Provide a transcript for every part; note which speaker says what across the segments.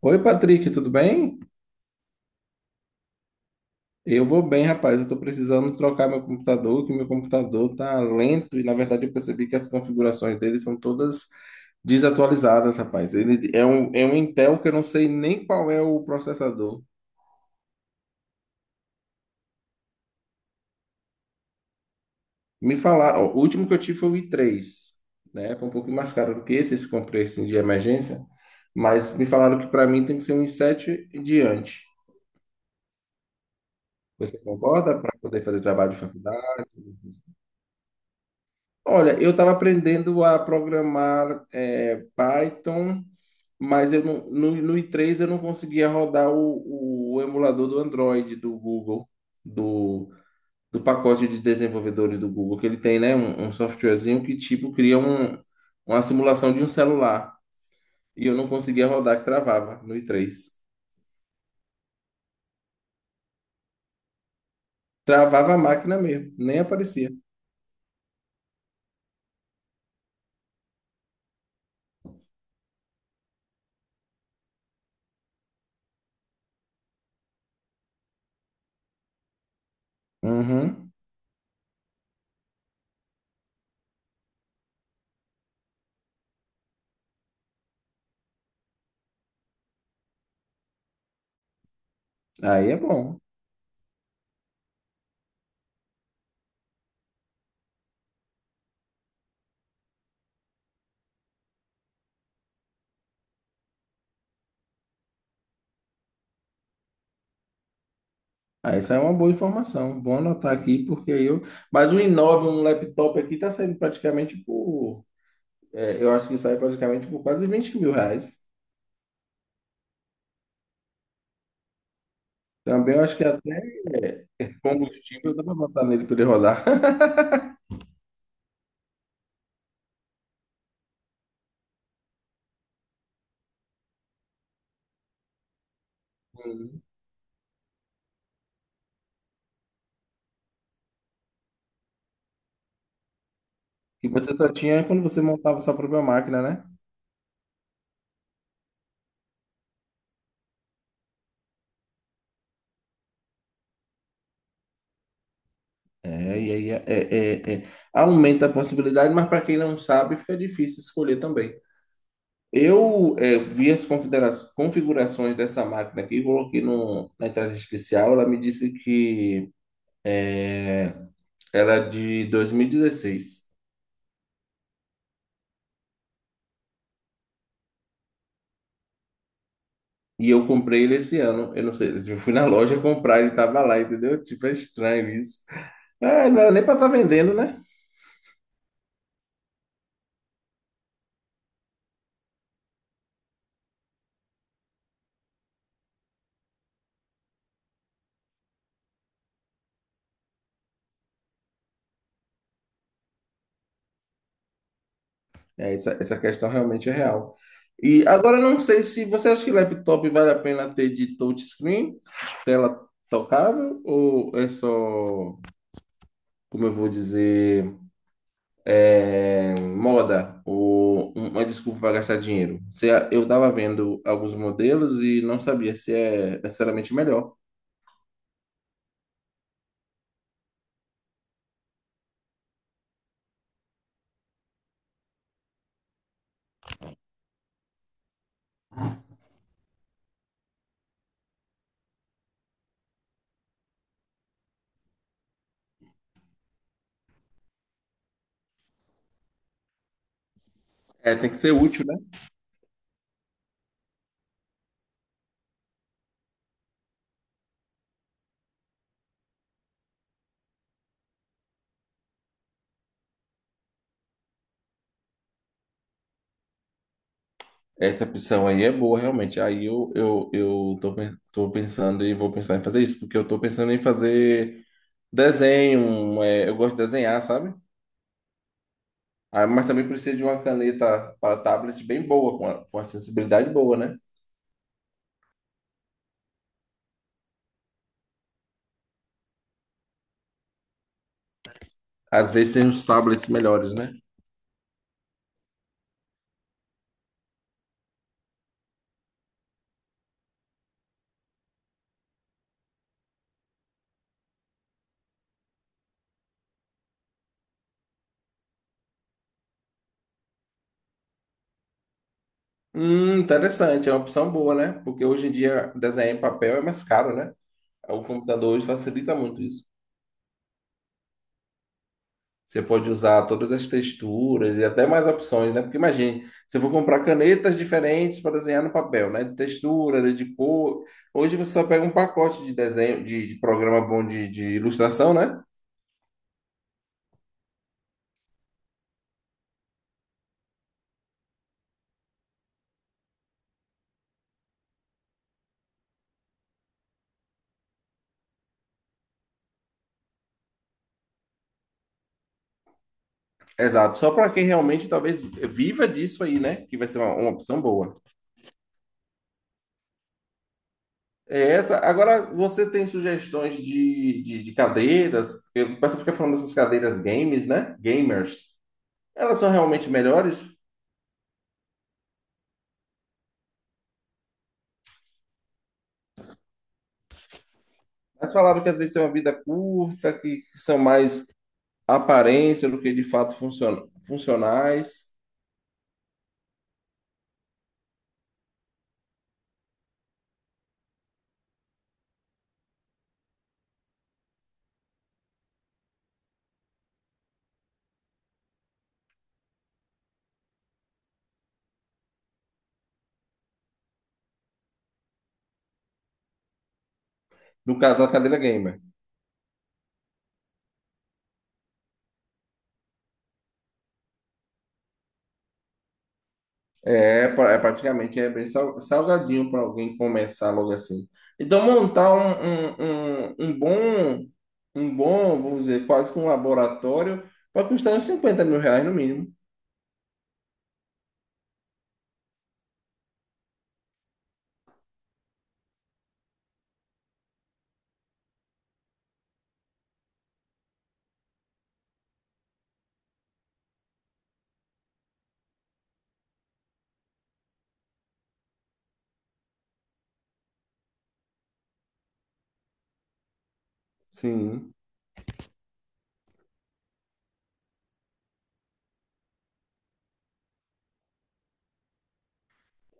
Speaker 1: Oi, Patrick, tudo bem? Eu vou bem, rapaz. Eu tô precisando trocar meu computador, que meu computador tá lento e, na verdade, eu percebi que as configurações dele são todas desatualizadas, rapaz. Ele é um Intel que eu não sei nem qual é o processador. Me falaram, ó, o último que eu tive foi o i3, né? Foi um pouquinho mais caro do que esse comprei assim, de emergência, mas me falaram que para mim tem que ser um i7 em diante. Você concorda, para poder fazer trabalho de faculdade? Olha, eu estava aprendendo a programar Python, mas eu não, no i3 eu não conseguia rodar o emulador do Android do Google, do, do pacote de desenvolvedores do Google, que ele tem, né, um softwarezinho que tipo cria uma simulação de um celular. E eu não conseguia rodar, que travava no i3. Travava a máquina mesmo, nem aparecia. Uhum. Aí é bom. Ah, essa é uma boa informação. Vou anotar aqui, porque eu. Mas o i9, um laptop aqui, tá saindo praticamente por. Eu acho que sai praticamente por quase 20 mil reais. Também eu acho que até combustível dá para botar nele para ele rodar. Uhum. E você só tinha quando você montava sua própria máquina, né? É, e aí aumenta a possibilidade, mas para quem não sabe, fica difícil escolher também. Eu vi as configurações dessa máquina aqui, coloquei no, na inteligência artificial, ela me disse que era de 2016 e dezesseis. E eu comprei ele esse ano. Eu não sei, eu fui na loja comprar, ele tava lá, entendeu? Tipo, é estranho isso. Ah, não era nem para estar vendendo, né? É, essa questão realmente é real. E agora eu não sei se você acha que laptop vale a pena ter de touchscreen, tela tocável, ou é só, como eu vou dizer, moda, ou uma desculpa para gastar dinheiro. Se a- eu estava vendo alguns modelos e não sabia se é necessariamente melhor. É, tem que ser útil, né? Essa opção aí é boa, realmente. Aí eu tô, tô pensando e vou pensar em fazer isso, porque eu tô pensando em fazer desenho, eu gosto de desenhar, sabe? Ah, mas também precisa de uma caneta para tablet bem boa, com a sensibilidade boa, né? Às vezes tem uns tablets melhores, né? Interessante, é uma opção boa, né? Porque hoje em dia desenhar em papel é mais caro, né? O computador hoje facilita muito isso. Você pode usar todas as texturas e até mais opções, né? Porque imagine, se eu for comprar canetas diferentes para desenhar no papel, né? De textura, de cor. Hoje você só pega um pacote de desenho, de programa bom de ilustração, né? Exato, só para quem realmente talvez viva disso aí, né? Que vai ser uma opção boa. É essa. Agora, você tem sugestões de cadeiras? Porque o pessoal fica falando dessas cadeiras games, né? Gamers. Elas são realmente melhores? Mas falaram que às vezes tem uma vida curta, que são mais aparência do que de fato funciona, funcionais. No caso da cadeira gamer. É, é praticamente bem salgadinho para alguém começar logo assim. Então, montar um bom, vamos dizer, quase que um laboratório, vai custar uns 50 mil reais no mínimo. Sim,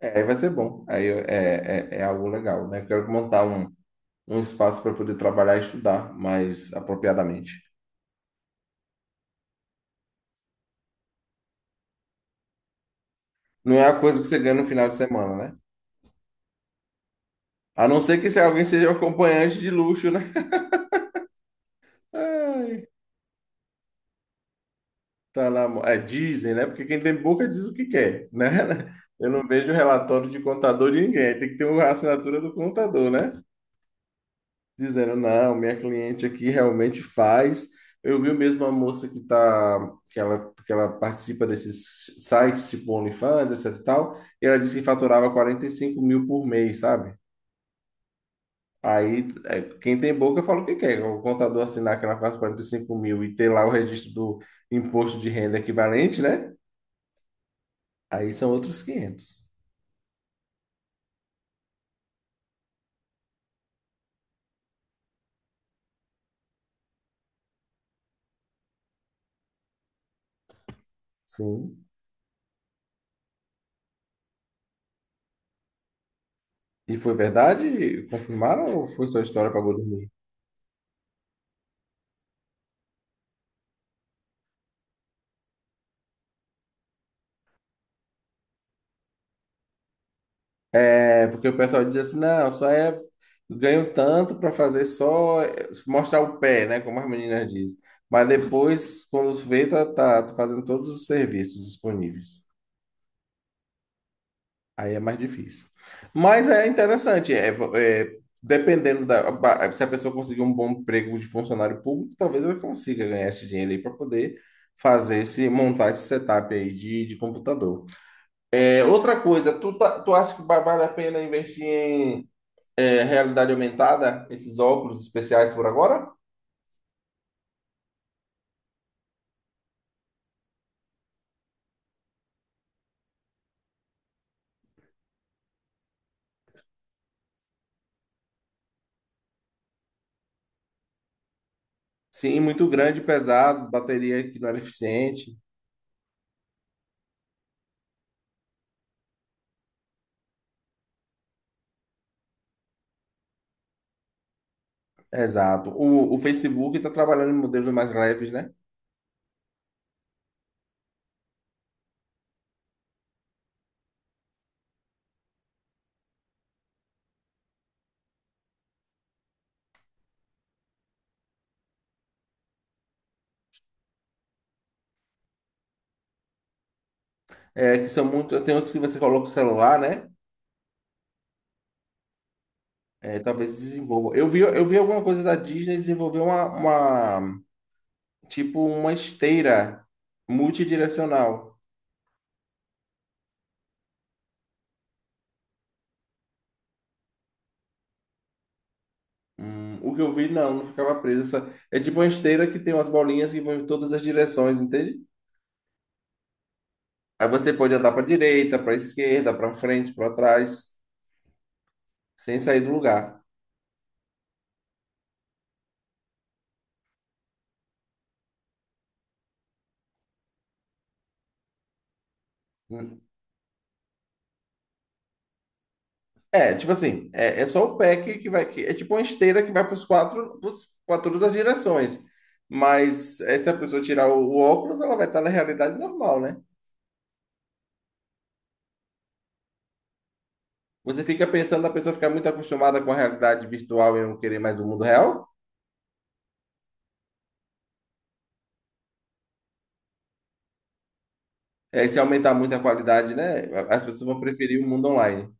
Speaker 1: aí vai ser bom. Aí é algo legal, né? Quero montar um espaço para poder trabalhar e estudar mais apropriadamente. Não é a coisa que você ganha no final de semana, né? A não ser que se alguém seja um acompanhante de luxo, né? Ai, dizem, né? Porque quem tem boca diz o que quer, né? Eu não vejo relatório de contador de ninguém. Tem que ter uma assinatura do contador, né, dizendo: não, minha cliente aqui realmente faz. Eu vi mesmo a moça que tá, que ela participa desses sites, tipo OnlyFans, etc e tal, e ela disse que faturava 45 mil por mês, sabe? Aí, quem tem boca fala o que quer. O contador assinar que ela faz 45 mil e ter lá o registro do imposto de renda equivalente, né? Aí são outros quinhentos. Sim. E foi verdade? Confirmaram ou foi só história para boi. É, porque o pessoal diz assim, não, só é ganho tanto para fazer, só mostrar o pé, né, como as meninas dizem. Mas depois, quando vê, tá, tá fazendo todos os serviços disponíveis. Aí é mais difícil. Mas é interessante, é, dependendo se a pessoa conseguir um bom emprego de funcionário público, talvez ela consiga ganhar esse dinheiro aí para poder fazer esse montar esse setup aí de computador. É, outra coisa, tu acha que vale a pena investir em realidade aumentada, esses óculos especiais por agora? Sim, muito grande, pesado, bateria que não era eficiente. Exato. O Facebook está trabalhando em modelos mais leves, né? É, que são muito. Tem outros que você coloca o celular, né? É, talvez desenvolva. Eu vi alguma coisa da Disney desenvolver uma- tipo uma esteira multidirecional. O que eu vi, não, não ficava preso. Só- é tipo uma esteira que tem umas bolinhas que vão em todas as direções, entende? Aí você pode andar para direita, para esquerda, para frente, para trás, sem sair do lugar. É, tipo assim, é só o pé que vai. É tipo uma esteira que vai para os quatro, para todas as direções. Mas se a pessoa tirar o óculos, ela vai estar na realidade normal, né? Você fica pensando, a pessoa ficar muito acostumada com a realidade virtual e não querer mais o mundo real. É, se aumentar muito a qualidade, né? As pessoas vão preferir o mundo online.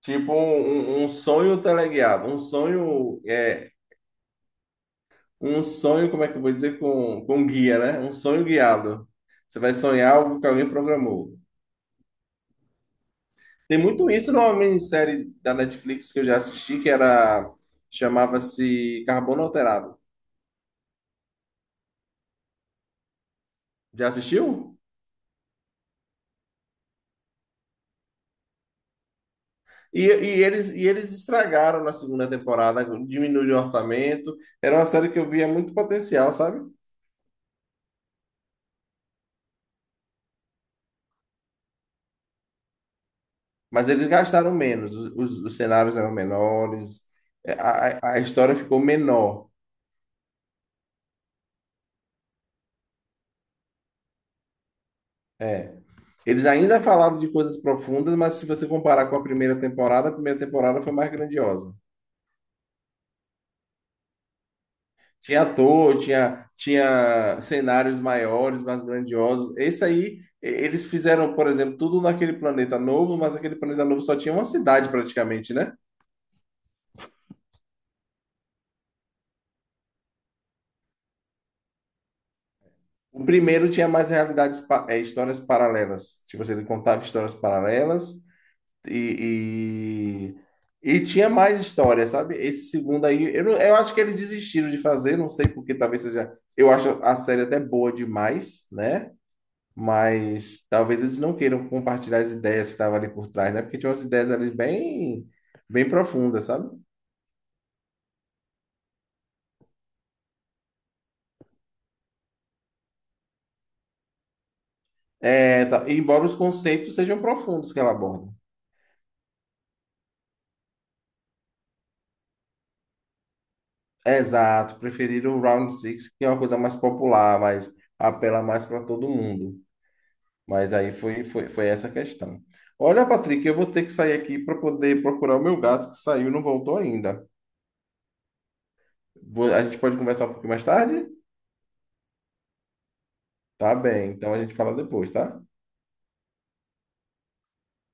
Speaker 1: Tipo um sonho teleguiado, um sonho, um sonho, como é que eu vou dizer, com guia, né? Um sonho guiado. Você vai sonhar algo que alguém programou. Tem muito isso numa minissérie da Netflix que eu já assisti, que era, chamava-se Carbono Alterado. Já assistiu? E eles estragaram na segunda temporada, diminuíram o orçamento. Era uma série que eu via muito potencial, sabe? Mas eles gastaram menos, os cenários eram menores, a história ficou menor. É. Eles ainda falaram de coisas profundas, mas se você comparar com a primeira temporada foi mais grandiosa. Tinha ator, tinha cenários maiores, mais grandiosos. Esse aí, eles fizeram, por exemplo, tudo naquele planeta novo, mas aquele planeta novo só tinha uma cidade praticamente, né? O primeiro tinha mais realidades, histórias paralelas. Tipo, assim, ele contava histórias paralelas. E, e tinha mais história, sabe? Esse segundo aí, eu, não- eu acho que eles desistiram de fazer, não sei porque talvez seja. Eu acho a série até boa demais, né? Mas talvez eles não queiram compartilhar as ideias que estavam ali por trás, né? Porque tinha umas ideias ali bem, bem profundas, sabe? É, embora os conceitos sejam profundos que ela aborda. Exato, preferiram o Round Six, que é uma coisa mais popular, mas apela mais para todo mundo. Mas aí foi, essa questão. Olha, Patrick, eu vou ter que sair aqui para poder procurar o meu gato que saiu e não voltou ainda. A gente pode conversar um pouquinho mais tarde? Tá bem, então a gente fala depois, tá?